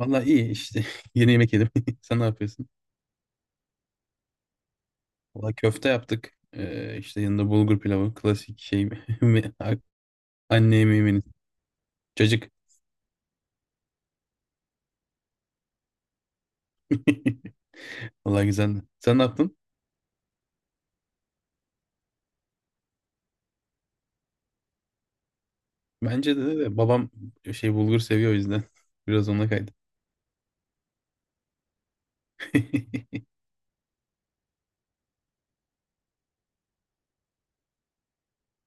Valla iyi işte. Yeni yemek yedim. Sen ne yapıyorsun? Valla köfte yaptık. İşte yanında bulgur pilavı. Klasik şey. Anne yemeğimiz. Cacık. Valla güzeldi. Sen ne yaptın? Bence de, babam şey bulgur seviyor o yüzden. Biraz ona kaydı.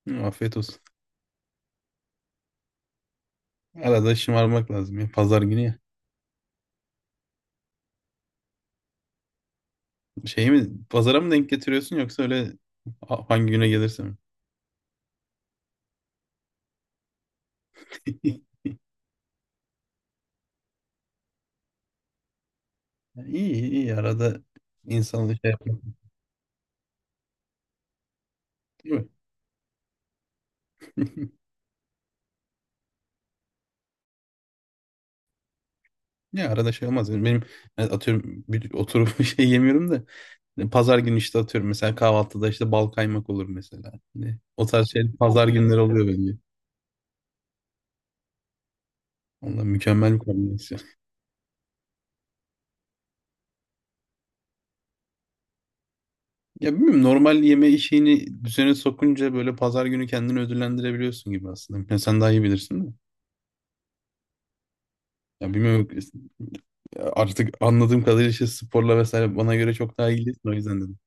Hı, afiyet olsun. Arada şımarmak lazım ya. Pazar günü ya. Şey mi? Pazara mı denk getiriyorsun, yoksa öyle hangi güne gelirse mi? İyi, iyi. İyi. Arada insanla şey yapmak. Değil mi? Ya arada şey olmaz. Yani benim, yani atıyorum bir, oturup bir şey yemiyorum da, yani pazar günü işte atıyorum mesela kahvaltıda işte bal kaymak olur mesela. Hani o tarz şey pazar günleri oluyor bence. Ondan mükemmel bir kombinasyon. Ya bilmiyorum, normal yeme işini düzene sokunca böyle pazar günü kendini ödüllendirebiliyorsun gibi aslında. Yani sen daha iyi bilirsin de. Ya bilmiyorum, ya artık anladığım kadarıyla işte sporla vesaire bana göre çok daha ilgilisin, o yüzden dedim.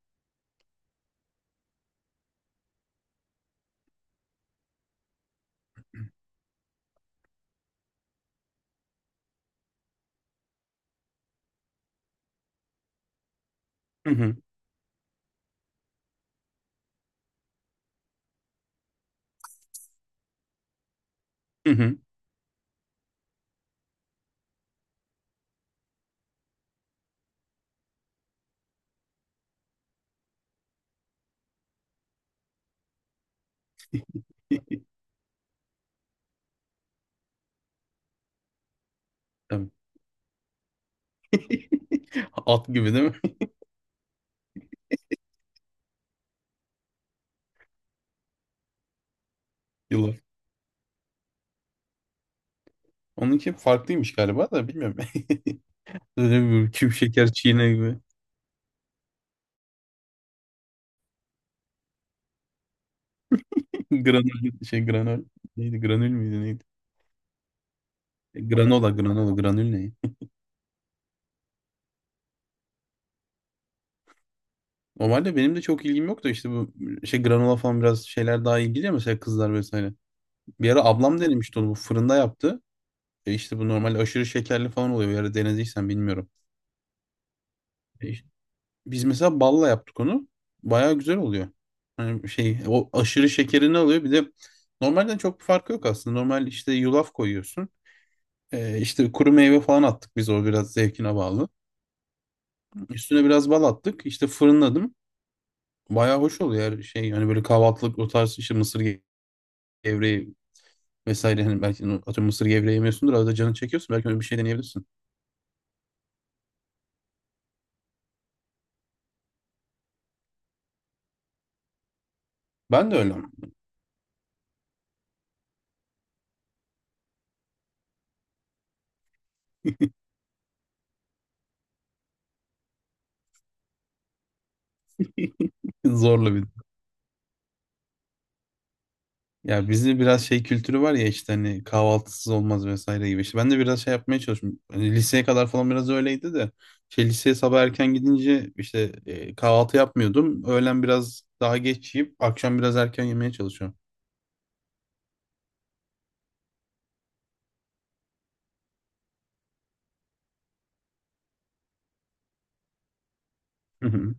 Hı hı. Hı hı. Tabii. At gibi değil mi? Yılan. Onunki farklıymış galiba da bilmiyorum. Öyle bir küp şeker çiğne gibi. Granül şey, granül. Neydi, granül müydü, neydi? Granola, granola, granül, ne? Normalde benim de çok ilgim yok da, işte bu şey granola falan biraz şeyler daha ilgili ya, mesela kızlar vesaire. Bir ara ablam denemişti onu, bu fırında yaptı. E işte bu normal aşırı şekerli falan oluyor. Bir ara denediysen bilmiyorum. E işte biz mesela balla yaptık onu. Bayağı güzel oluyor. Yani şey, o aşırı şekerini alıyor. Bir de normalden çok bir farkı yok aslında. Normal işte yulaf koyuyorsun. İşte kuru meyve falan attık biz, o biraz zevkine bağlı. Üstüne biraz bal attık. İşte fırınladım. Bayağı hoş oluyor her şey. Hani böyle kahvaltılık o tarz işte gevreği vesaire. Hani belki atıyorum mısır gevreği yemiyorsundur. Arada canın çekiyorsun. Belki öyle bir şey deneyebilirsin. Ben de öyle. Zorla bir, ya bizde biraz şey kültürü var ya, işte hani kahvaltısız olmaz vesaire gibi. İşte ben de biraz şey yapmaya çalıştım. Hani liseye kadar falan biraz öyleydi de. Şey, liseye sabah erken gidince işte kahvaltı yapmıyordum. Öğlen biraz daha geç yiyip akşam biraz erken yemeye çalışıyorum. Hı hı.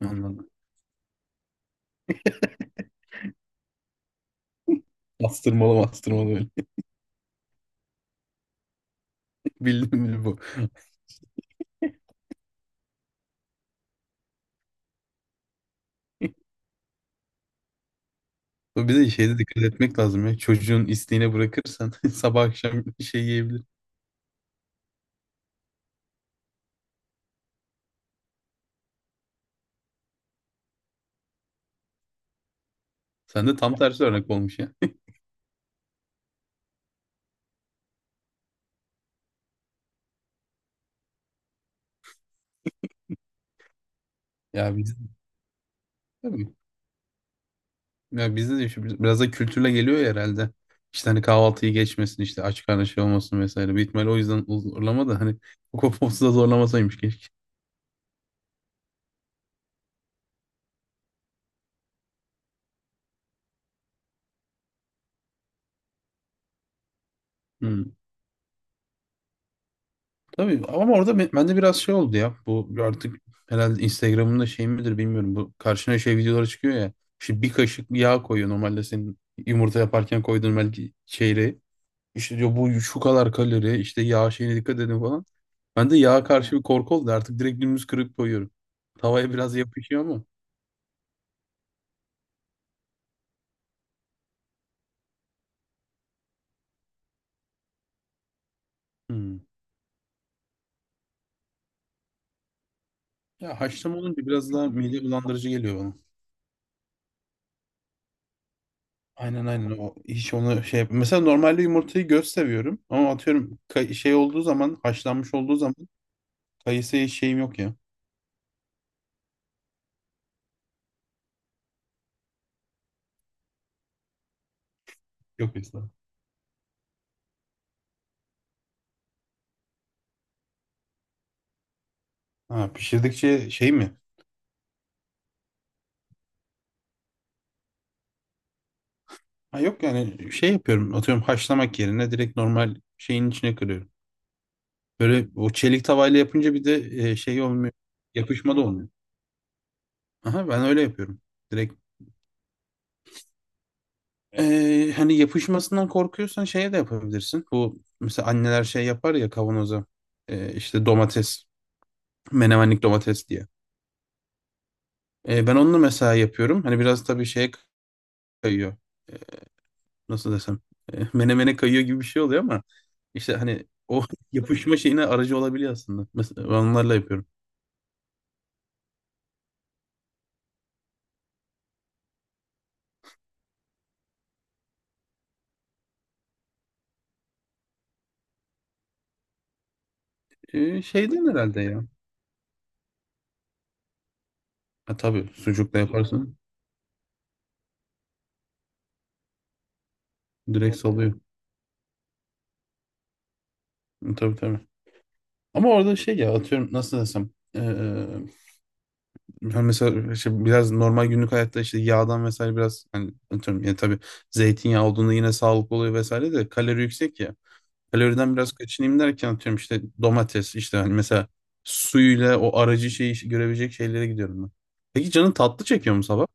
Anladım. Bastırmalı, bastırmalı böyle. Bildim mi bu? Bu, bir de şeyde dikkat etmek lazım ya. Çocuğun isteğine bırakırsan sabah akşam şey yiyebilir. Sen de tam tersi örnek olmuş ya. Ya biz, tabii. Ya bizde de işte biraz da kültürle geliyor ya herhalde. İşte hani kahvaltıyı geçmesin, işte aç karnı şey olmasın vesaire. Büyük ihtimalle o yüzden zorlama da, hani kokopopsu da zorlamasaymış keşke. Hmm. Tabii ama orada bende biraz şey oldu ya. Bu artık herhalde Instagram'ın da şey midir, bilmiyorum. Bu karşına şey videoları çıkıyor ya. İşte bir kaşık yağ koyuyor normalde, senin yumurta yaparken koyduğun belki şeyle. İşte diyor bu şu kadar kalori, işte yağ şeyine dikkat edin falan. Ben de yağa karşı bir korku oldu, artık direkt dümdüz kırıp koyuyorum. Tavaya biraz yapışıyor ama. Hmm. Ya haşlama olunca biraz daha mide bulandırıcı geliyor bana. Aynen, aynen o. Hiç onu şey yap-, mesela normalde yumurtayı göz seviyorum ama atıyorum şey olduğu zaman, haşlanmış olduğu zaman kayısıya şeyim yok ya. Yok mesela. Ha, pişirdikçe şey mi? Ha yok, yani şey yapıyorum, atıyorum haşlamak yerine direkt normal şeyin içine kırıyorum. Böyle o çelik tavayla yapınca bir de şey olmuyor. Yapışma da olmuyor. Aha, ben öyle yapıyorum. Direkt hani yapışmasından korkuyorsan şeye de yapabilirsin. Bu mesela anneler şey yapar ya, kavanoza. İşte domates, menemenlik domates diye. Ben onu mesela yapıyorum. Hani biraz tabii şeye kayıyor. Ee, nasıl desem? Menemene kayıyor gibi bir şey oluyor ama işte hani o yapışma şeyine aracı olabiliyor aslında. Mesela ben onlarla yapıyorum. Şeyden herhalde ya. Ha, tabii sucukla yaparsın. Direkt salıyor. Hı, tabii, tabii. Ama orada şey ya, atıyorum nasıl desem. Ha, mesela işte biraz normal günlük hayatta işte yağdan vesaire biraz hani atıyorum, yani tabii zeytinyağı olduğunda yine sağlıklı oluyor vesaire de kalori yüksek ya. Kaloriden biraz kaçınayım derken atıyorum işte domates, işte hani mesela suyuyla o aracı şeyi görebilecek şeylere gidiyorum ben. Peki canın tatlı çekiyor mu sabah?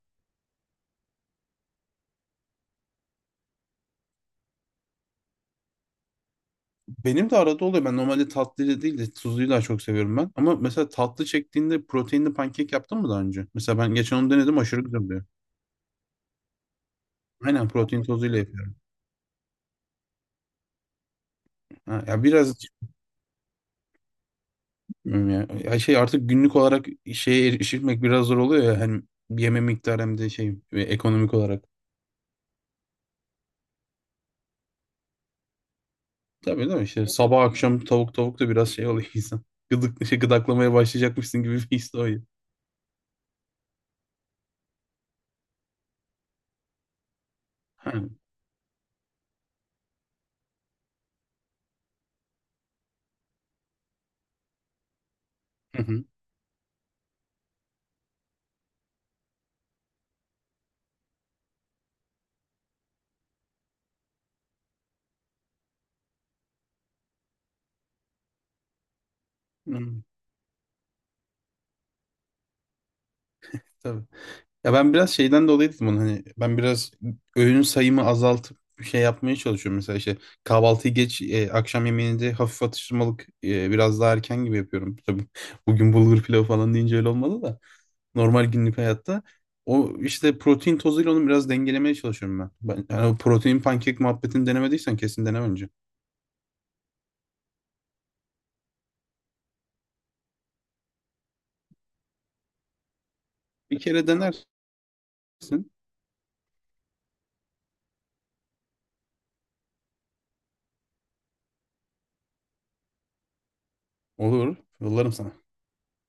Benim de arada oluyor. Ben normalde tatlıyla değil de tuzluyu daha çok seviyorum ben. Ama mesela tatlı çektiğinde proteinli pankek yaptın mı daha önce? Mesela ben geçen onu denedim, aşırı güzel oluyor. Aynen, protein tozuyla yapıyorum. Ha, ya biraz bilmiyorum ya. Ya şey, artık günlük olarak şeye erişmek biraz zor oluyor ya, hem yeme miktarı hem de şey ve ekonomik olarak. Tabii, değil mi? İşte sabah akşam tavuk tavuk da biraz şey oluyor insan. Gıdık, şey, gıdaklamaya başlayacakmışsın gibi bir his de oluyor. Ha. Hı hı. Hı. Tabii. Ya ben biraz şeyden dolayı dedim bunu, hani ben biraz öğün sayımı azaltıp bir şey yapmaya çalışıyorum. Mesela işte kahvaltıyı geç, akşam yemeğini de hafif atıştırmalık, biraz daha erken gibi yapıyorum. Tabii bugün bulgur pilavı falan deyince öyle olmadı da. Normal günlük hayatta. O işte protein tozuyla onu biraz dengelemeye çalışıyorum ben. Ben yani o protein pankek muhabbetini denemediysen kesin dene önce. Bir kere denersin. Olur. Yollarım sana.